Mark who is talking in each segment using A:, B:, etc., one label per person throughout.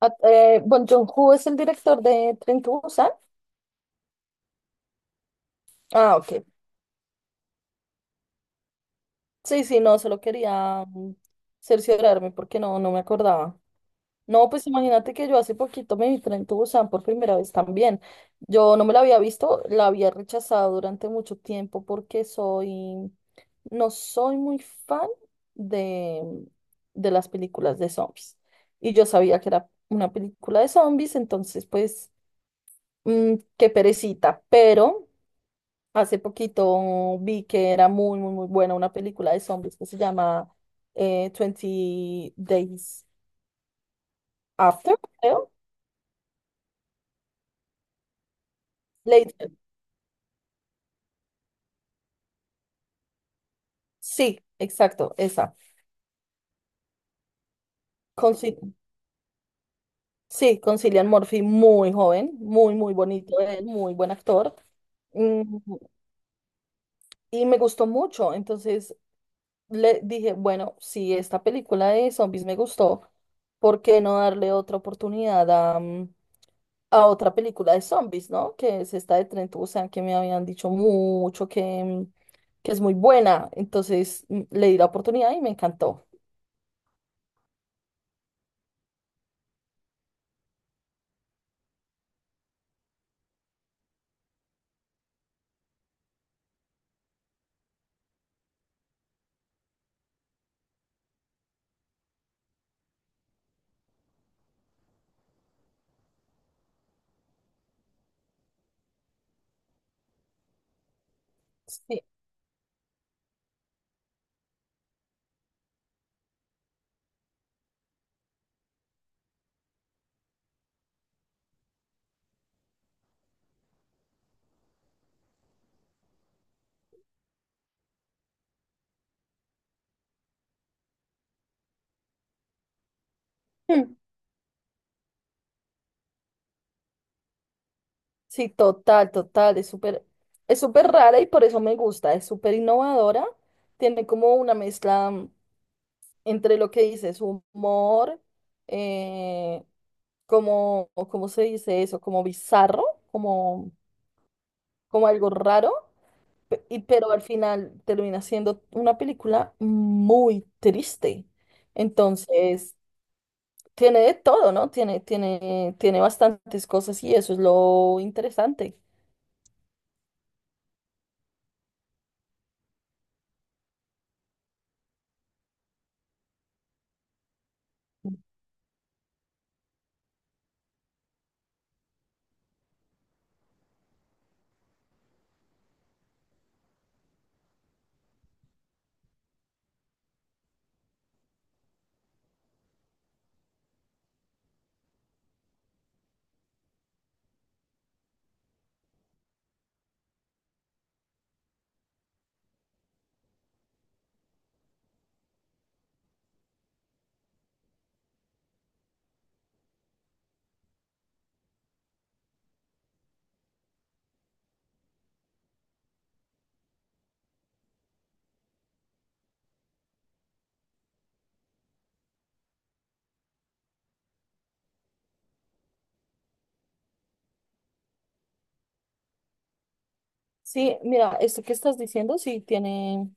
A: Bong Joon-ho es el director de Tren to Busan. Ah, ok. Sí, sí, no, solo quería cerciorarme porque no me acordaba. No, pues imagínate que yo hace poquito me vi Tren to Busan por primera vez también. Yo no me la había visto, la había rechazado durante mucho tiempo porque soy, no soy muy fan de, de las películas de zombies. Y yo sabía que era una película de zombies, entonces pues, qué perecita, pero Hace poquito vi que era muy, muy, muy buena una película de zombies que se llama 20 Days After, creo. Later. Sí, exacto, esa. Conci- sí, con Cillian Murphy, muy joven, muy, muy bonito él, muy buen actor. Mm, y me gustó mucho. Entonces le dije, bueno, si esta película de zombies me gustó, ¿por qué no darle otra oportunidad a, a otra película de zombies, ¿no? Que es esta de tren Busan, que me habían dicho mucho que, que es muy buena. Entonces le di la oportunidad y me encantó. Sí. Hmm, sí, total, total. Es súper rara y por eso me gusta. Es súper innovadora. Tiene como una mezcla. Entre lo que dices, humor, eh, como, o ¿cómo se dice eso? Como bizarro, como, como algo raro, pero al final termina siendo una película muy triste. Entonces, tiene de todo, ¿no? Tiene, tiene bastantes cosas y eso es lo interesante. Sí, mira, esto que estás diciendo sí tiene.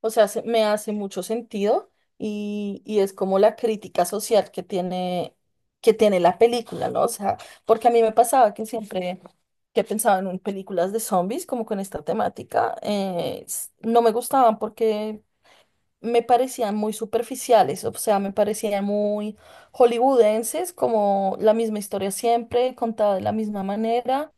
A: O sea, me hace mucho sentido y es como la crítica social que tiene la película, ¿no? O sea, porque a mí me pasaba que siempre que pensaba en películas de zombies, como con esta temática, no me gustaban porque me parecían muy superficiales, o sea, me parecían muy hollywoodenses, como la misma historia siempre, contada de la misma manera.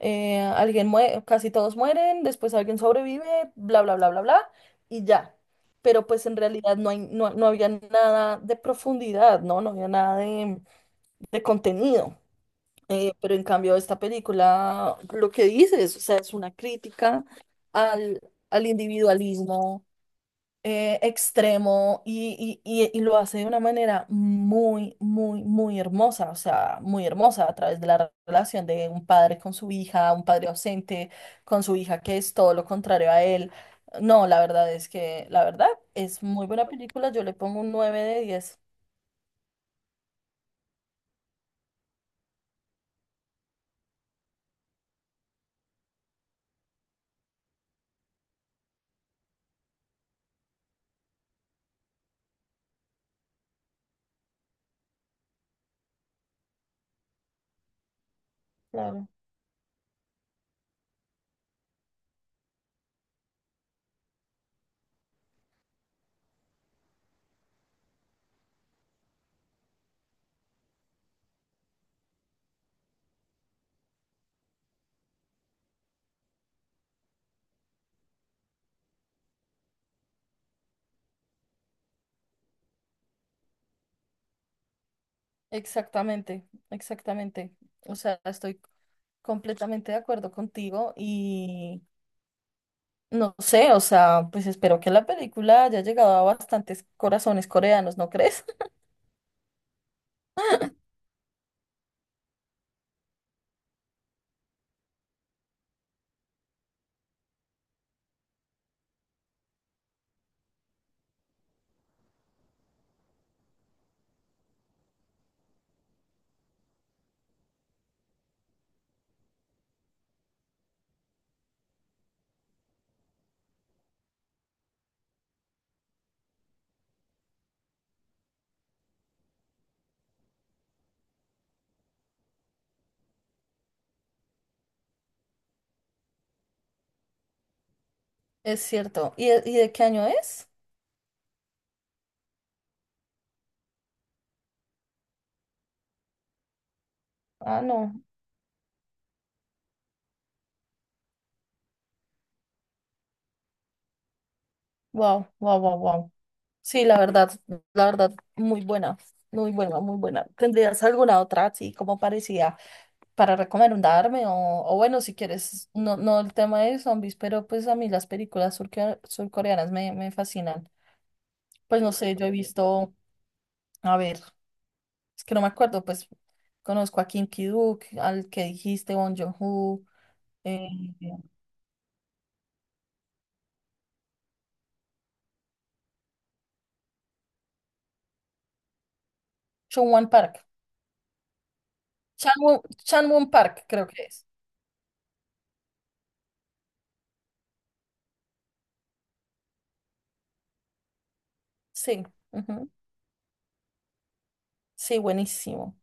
A: Alguien muere, casi todos mueren, después alguien sobrevive, bla, bla, bla, bla, bla, y ya. Pero pues en realidad no hay, no había nada de profundidad, ¿no? No había nada de, de contenido. Pero en cambio esta película, lo que dices, o sea, es una crítica al, al individualismo extremo y lo hace de una manera muy, muy, muy hermosa, o sea, muy hermosa a través de la relación de un padre con su hija, un padre ausente con su hija que es todo lo contrario a él. No, la verdad es que, la verdad, es muy buena película, yo le pongo un 9 de 10. Claro. Exactamente, exactamente. O sea, estoy completamente de acuerdo contigo. No sé, o sea, pues espero que la película haya llegado a bastantes corazones coreanos, ¿no crees? Es cierto. ¿Y, y de qué año es? Ah, no. Wow, wow, wow, wow. Sí, la verdad, muy buena, muy buena, muy buena. ¿Tendrías alguna otra así como parecida para recomendarme? O bueno, si quieres, no, no el tema de zombies, pero pues a mí las películas surcoreanas me, me fascinan. Pues no sé, yo he visto, a ver. Es que no me acuerdo, pues conozco a Kim Ki-duk, al que dijiste, Bong Joon-ho, eh, Chungwon Park, Chanwon, Chanwon Park creo que es. Sí, ujú. Sí, buenísimo.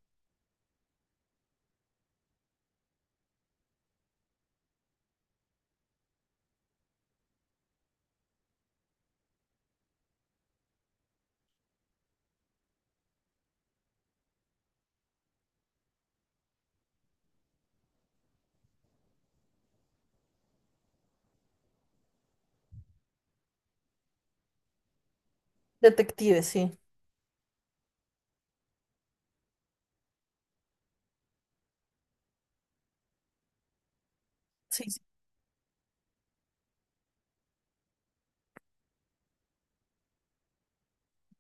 A: Detective, sí. Sí, sí,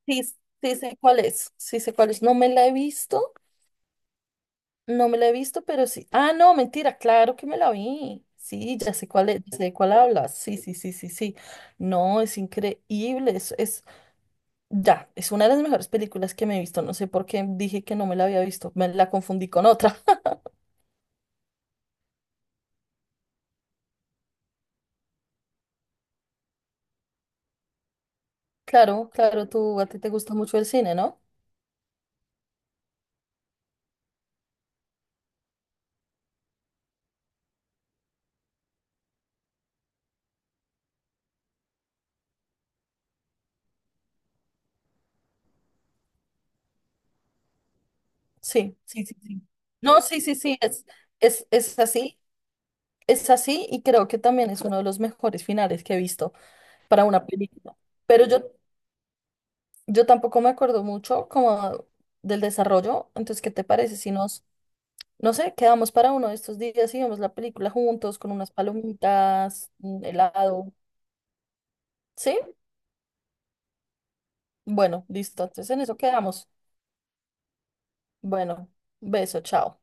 A: sí, sí sé cuál es, sí sé cuál es. No me la he visto, no me la he visto, pero sí. Ah, no, mentira, claro que me la vi. Sí, ya sé cuál es, ya sé de cuál hablas. Sí, sí, sí, sí, sí. No, es increíble, ya, es una de las mejores películas que me he visto. No sé por qué dije que no me la había visto. Me la confundí con otra. Claro, claro, tú a ti te gusta mucho el cine, ¿no? Sí, sí, sí, sí. No, sí, sí, sí, es, es, es así, es así y creo que también es uno de los mejores finales que he visto para una película. Pero yo tampoco me acuerdo mucho como del desarrollo. Entonces, ¿qué te parece si nos, no sé, quedamos para uno de estos días y vemos la película juntos con unas palomitas, un helado? ¿Sí? Bueno, listo. Entonces en eso quedamos. Bueno, beso, chao.